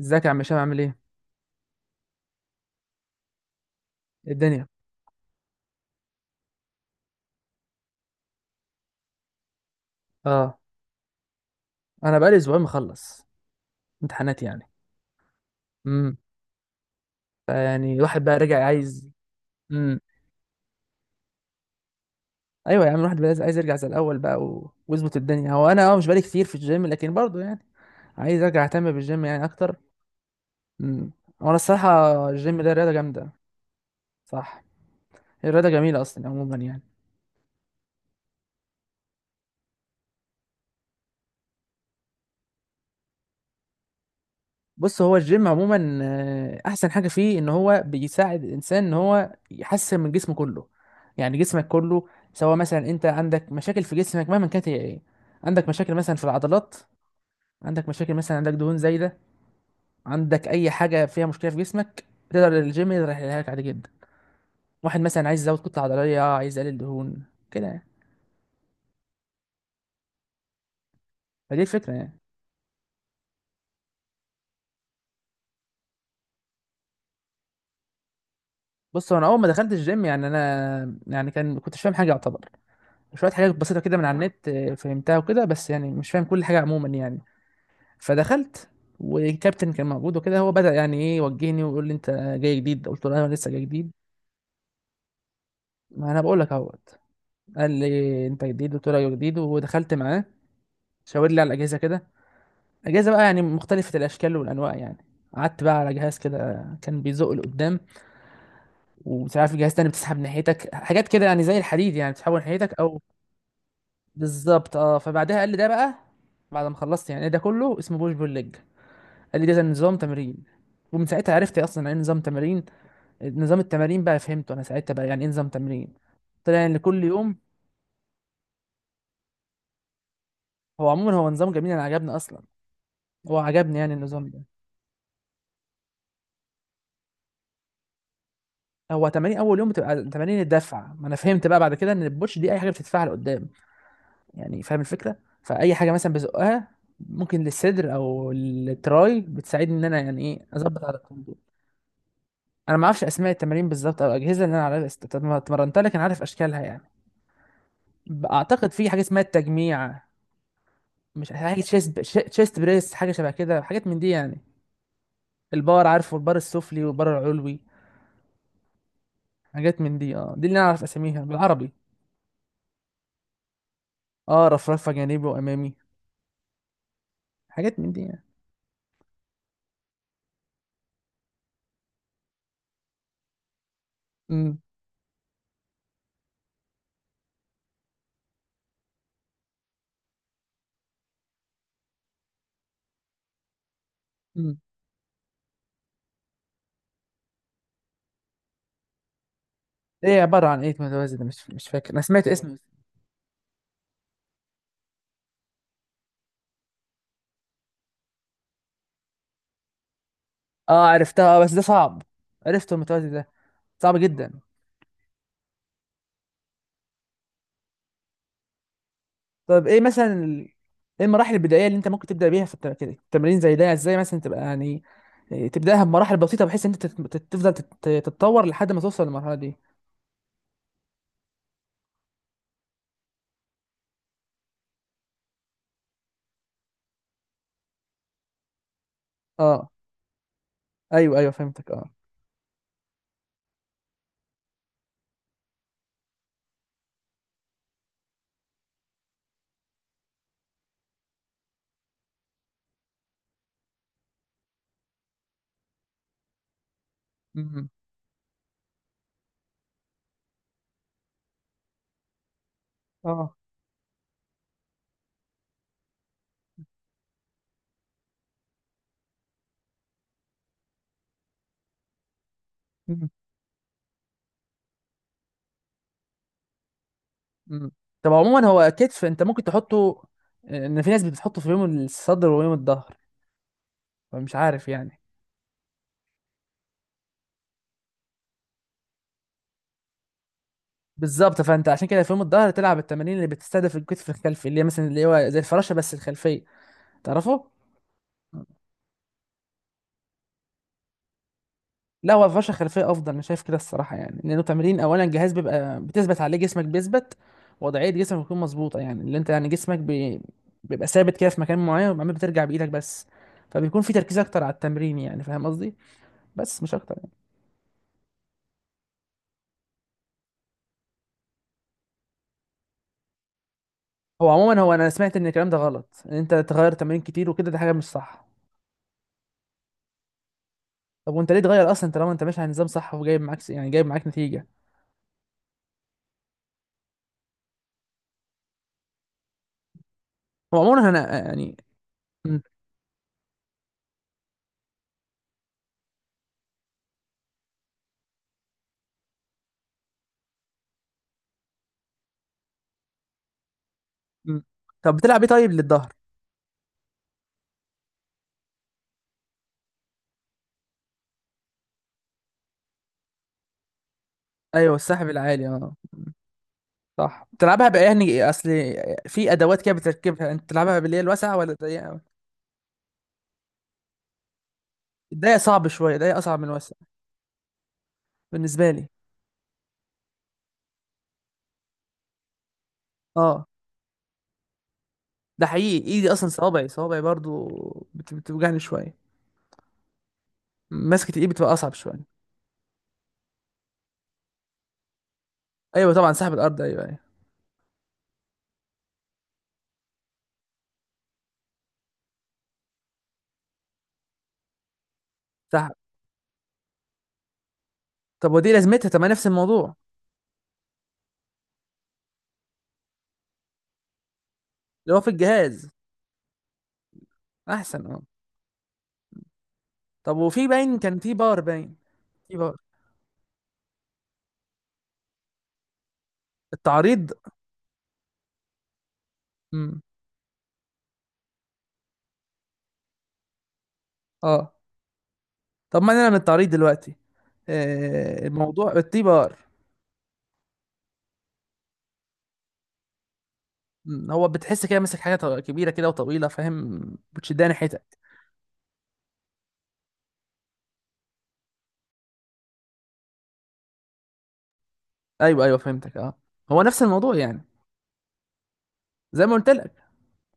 ازيك يا عم هشام، عامل ايه؟ إيه الدنيا؟ اه. انا بقالي اسبوعين مخلص امتحانات يعني. امم فيعني الواحد بقى رجع عايز. امم، ايوه يا عم، الواحد بقى عايز يرجع زي الاول بقى ويظبط الدنيا. هو انا مش بقالي كتير في الجيم، لكن برضه يعني عايز ارجع اهتم بالجيم يعني اكتر. امم وانا الصراحه، الجيم ده رياضه جامده، صح؟ الرياضه جميله اصلا عموما يعني. بص، هو الجيم عموما احسن حاجه فيه ان هو بيساعد الانسان ان هو يحسن من جسمه كله، يعني جسمك كله. سواء مثلا انت عندك مشاكل في جسمك مهما كانت هي ايه، عندك مشاكل مثلا في العضلات، عندك مشاكل مثلا، عندك دهون زايده، عندك اي حاجه فيها مشكله في جسمك، تقدر الجيم يقدر يحلها لك عادي جدا. واحد مثلا عايز يزود كتله عضليه، عايز يقلل دهون كده يعني. فدي الفكره يعني. بص، هو انا اول ما دخلت الجيم يعني انا يعني كان كنت مش فاهم حاجه يعتبر. شوية حاجات بسيطة كده من على النت فهمتها وكده، بس يعني مش فاهم كل حاجة عموما يعني. فدخلت، والكابتن كان موجود وكده، هو بدأ يعني ايه يوجهني ويقول لي انت جاي جديد. قلت له أيوة، انا لسه جاي جديد. ما انا بقول لك اهوت. قال لي انت جديد، قلت له ايوه جديد، ودخلت معاه. شاور لي على الاجهزه كده، اجهزه بقى يعني مختلفه الاشكال والانواع يعني. قعدت بقى على جهاز كده كان بيزق لقدام، ومش عارف جهاز تاني بتسحب ناحيتك حاجات كده، يعني زي الحديد يعني بتسحبه ناحيتك او. بالظبط اه، فبعدها قال لي ده بقى، بعد ما خلصت يعني، ده كله اسمه بوش بول ليج. قال لي ده زي نظام تمرين، ومن ساعتها عرفت اصلا يعني ايه نظام تمارين. نظام التمارين بقى فهمته انا ساعتها، بقى يعني ايه نظام تمرين. طلع ان كل يوم. هو عموما هو نظام جميل، انا عجبني اصلا. هو عجبني يعني النظام ده. هو تمارين اول يوم بتبقى تمارين الدفع، ما انا فهمت بقى بعد كده ان البوش دي اي حاجه بتدفعها لقدام، يعني فاهم الفكره. فاي حاجه مثلا بزقها، ممكن للصدر او التراي، بتساعدني ان انا يعني ايه اظبط على الكوندو. انا ما اعرفش اسماء التمارين بالظبط او الاجهزه، اللي انا عارف اتمرنتها، لكن عارف اشكالها يعني. اعتقد في حاجه اسمها التجميع، مش حاجه تشيست بريس، حاجه شبه كده، حاجات من دي يعني. البار، عارفه البار السفلي والبار العلوي. حاجات من دي اه، دي اللي انا اعرف اساميها بالعربي. اه، رفرفه جانبي وامامي، حاجات من دي يعني. امم. امم. ايه عباره عن ايه متوازي ده؟ مش فاكر انا سمعت اسمه. اه عرفتها بس ده صعب. عرفته المتوازي ده. صعب جدا. طب ايه مثلا ايه المراحل البدائيه اللي انت ممكن تبدا بيها في كده التمرين زي ده، ازاي مثلا تبقى يعني إيه، تبداها بمراحل بسيطه بحيث ان انت تفضل تتطور لحد ما توصل للمرحله دي. اه. ايوه ايوه فهمتك اه. امم. اه. امم. امم. طب عموما، هو كتف انت ممكن تحطه ان في ناس بتحطه في يوم الصدر ويوم الظهر، فمش عارف يعني. بالظبط، فانت عشان كده في يوم الظهر تلعب التمارين اللي بتستهدف الكتف الخلفي، اللي هي مثلا اللي هو زي الفراشه بس الخلفيه. تعرفه؟ لا، هو الفرشه الخلفيه افضل، انا شايف كده الصراحه يعني، لانه تمرين اولا الجهاز بيبقى بتثبت عليه، جسمك بيثبت، وضعيه جسمك بتكون مظبوطه، يعني اللي انت يعني جسمك بيبقى ثابت كده في مكان معين، وبعدين بترجع بايدك بس، فبيكون في تركيز اكتر على التمرين، يعني فاهم قصدي. بس مش اكتر يعني. هو عموما، هو انا سمعت ان الكلام ده غلط، ان انت تغير تمارين كتير وكده، ده حاجه مش صح. طب وانت ليه تغير اصلا طالما انت ماشي على نظام صح، وجايب معاك يعني جايب معاك نتيجه. هو عموما انا يعني م- م. طب بتلعب ايه طيب للظهر؟ ايوه، السحب العالي اه. صح، بتلعبها بقى يعني اصل. في ادوات كده بتركبها، انت بتلعبها باللي هي الواسعه ولا الضيقه أوي؟ الضيقه صعب شويه، الضيقه اصعب من الواسعه بالنسبه لي. اه، ده حقيقي، ايدي اصلا، صوابعي برضو بتوجعني شويه. مسكه الايد بتبقى اصعب شويه. ايوه طبعا، سحب الارض، ايوه ايوه. سحب. طب ودي لازمتها؟ طب ما نفس الموضوع. اللي هو في الجهاز احسن اه. طب وفي باين؟ كان في باور باين؟ في باور. التعريض. امم. اه. طب ما انا من التعريض دلوقتي. آه، الموضوع التي بار. مم، هو بتحس كده ماسك حاجه كبيره كده وطويله، فاهم؟ بتشدها ناحيتك. ايوه ايوه فهمتك اه. هو نفس الموضوع يعني. زي ما قلت لك.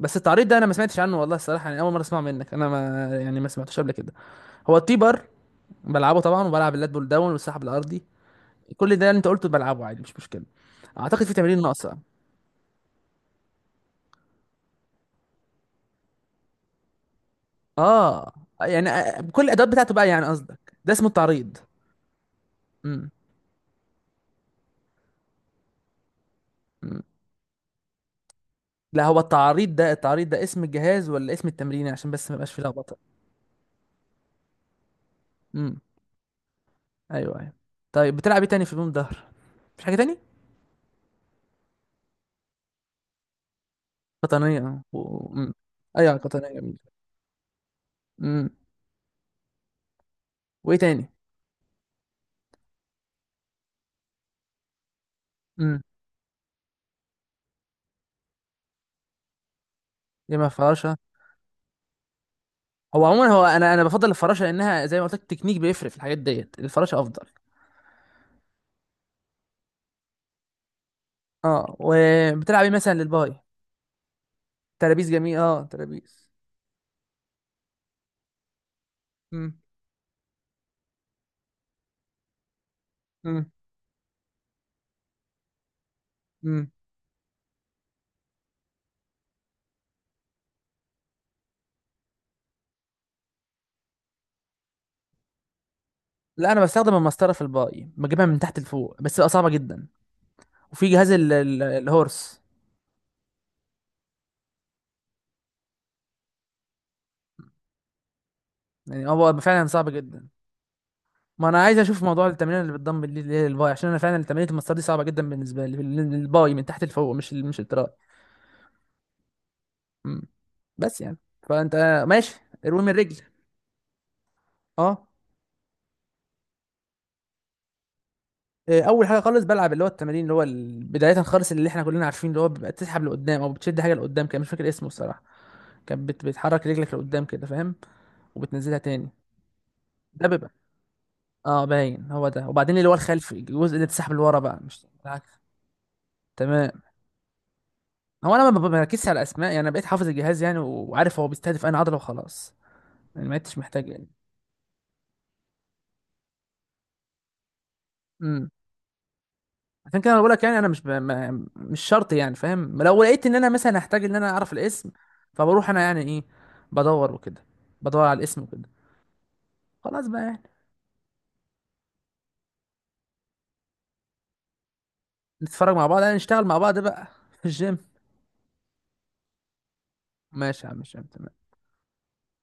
بس التعريض ده انا ما سمعتش عنه والله، الصراحه يعني اول مره اسمع منك، انا ما سمعتوش قبل كده. هو التي بار بلعبه طبعا، وبلعب اللات بول داون والسحب الارضي. كل ده اللي انت قلته بلعبه عادي، مش مشكله. اعتقد في تمارين ناقصه. اه، يعني بكل الادوات بتاعته بقى، يعني قصدك ده اسمه التعريض. امم. أمم. لا، هو التعريض ده، التعريض ده اسم الجهاز ولا اسم التمرين؟ عشان بس ما يبقاش في لخبطه. امم. ايوه ايوه. طيب بتلعب ايه تاني في البوم ظهر؟ مفيش حاجه تاني. قطنيه اه و... مم. ايوه، قطنيه جميله. امم. وايه تاني؟ امم. يما فراشه. هو عموما هو انا بفضل الفراشه، لانها زي ما قلت لك، التكنيك بيفرق في الحاجات ديت، الفراشه افضل. اه. وبتلعب ايه مثلا للباي؟ ترابيز جميل اه، ترابيز. امم. امم. امم. لا، انا بستخدم المسطره في الباي، بجيبها من تحت لفوق، بس بقى صعبه جدا. وفي جهاز الهورس. يعني هو فعلا صعب جدا. ما انا عايز اشوف موضوع التمرين اللي بتضم، اللي هي الباي، عشان انا فعلا تمرينة المسار دي صعبه جدا بالنسبه لي، الباي من تحت لفوق، مش مش التراي. مم. بس يعني. فانت ماشي اروي من الرجل. اه. إيه، اول حاجه خالص بلعب، اللي هو التمارين، اللي هو بدايه خالص، اللي احنا كلنا عارفين، اللي هو بيبقى بتسحب لقدام او بتشد حاجه لقدام. كان مش فاكر اسمه الصراحه. كانت بتحرك رجلك لقدام كده، فاهم؟ وبتنزلها تاني. ده بيبقى اه، باين هو ده. وبعدين اللي هو الخلفي، الجزء اللي بتسحب لورا بقى، مش العكس. تمام. هو انا ما بركزش على الاسماء، يعني انا بقيت حافظ الجهاز يعني، وعارف هو بيستهدف انهي عضله وخلاص، يعني ما عدتش محتاج يعني. امم. عشان كده انا بقول لك، يعني انا مش ب... ما... مش شرط يعني، فاهم؟ لو لقيت ان انا مثلا هحتاج ان انا اعرف الاسم، فبروح انا يعني ايه، بدور وكده، بدور على الاسم وكده. خلاص بقى يعني. نتفرج مع بعض، يعني نشتغل مع بعض بقى في الجيم. ماشي يا عم هشام، تمام.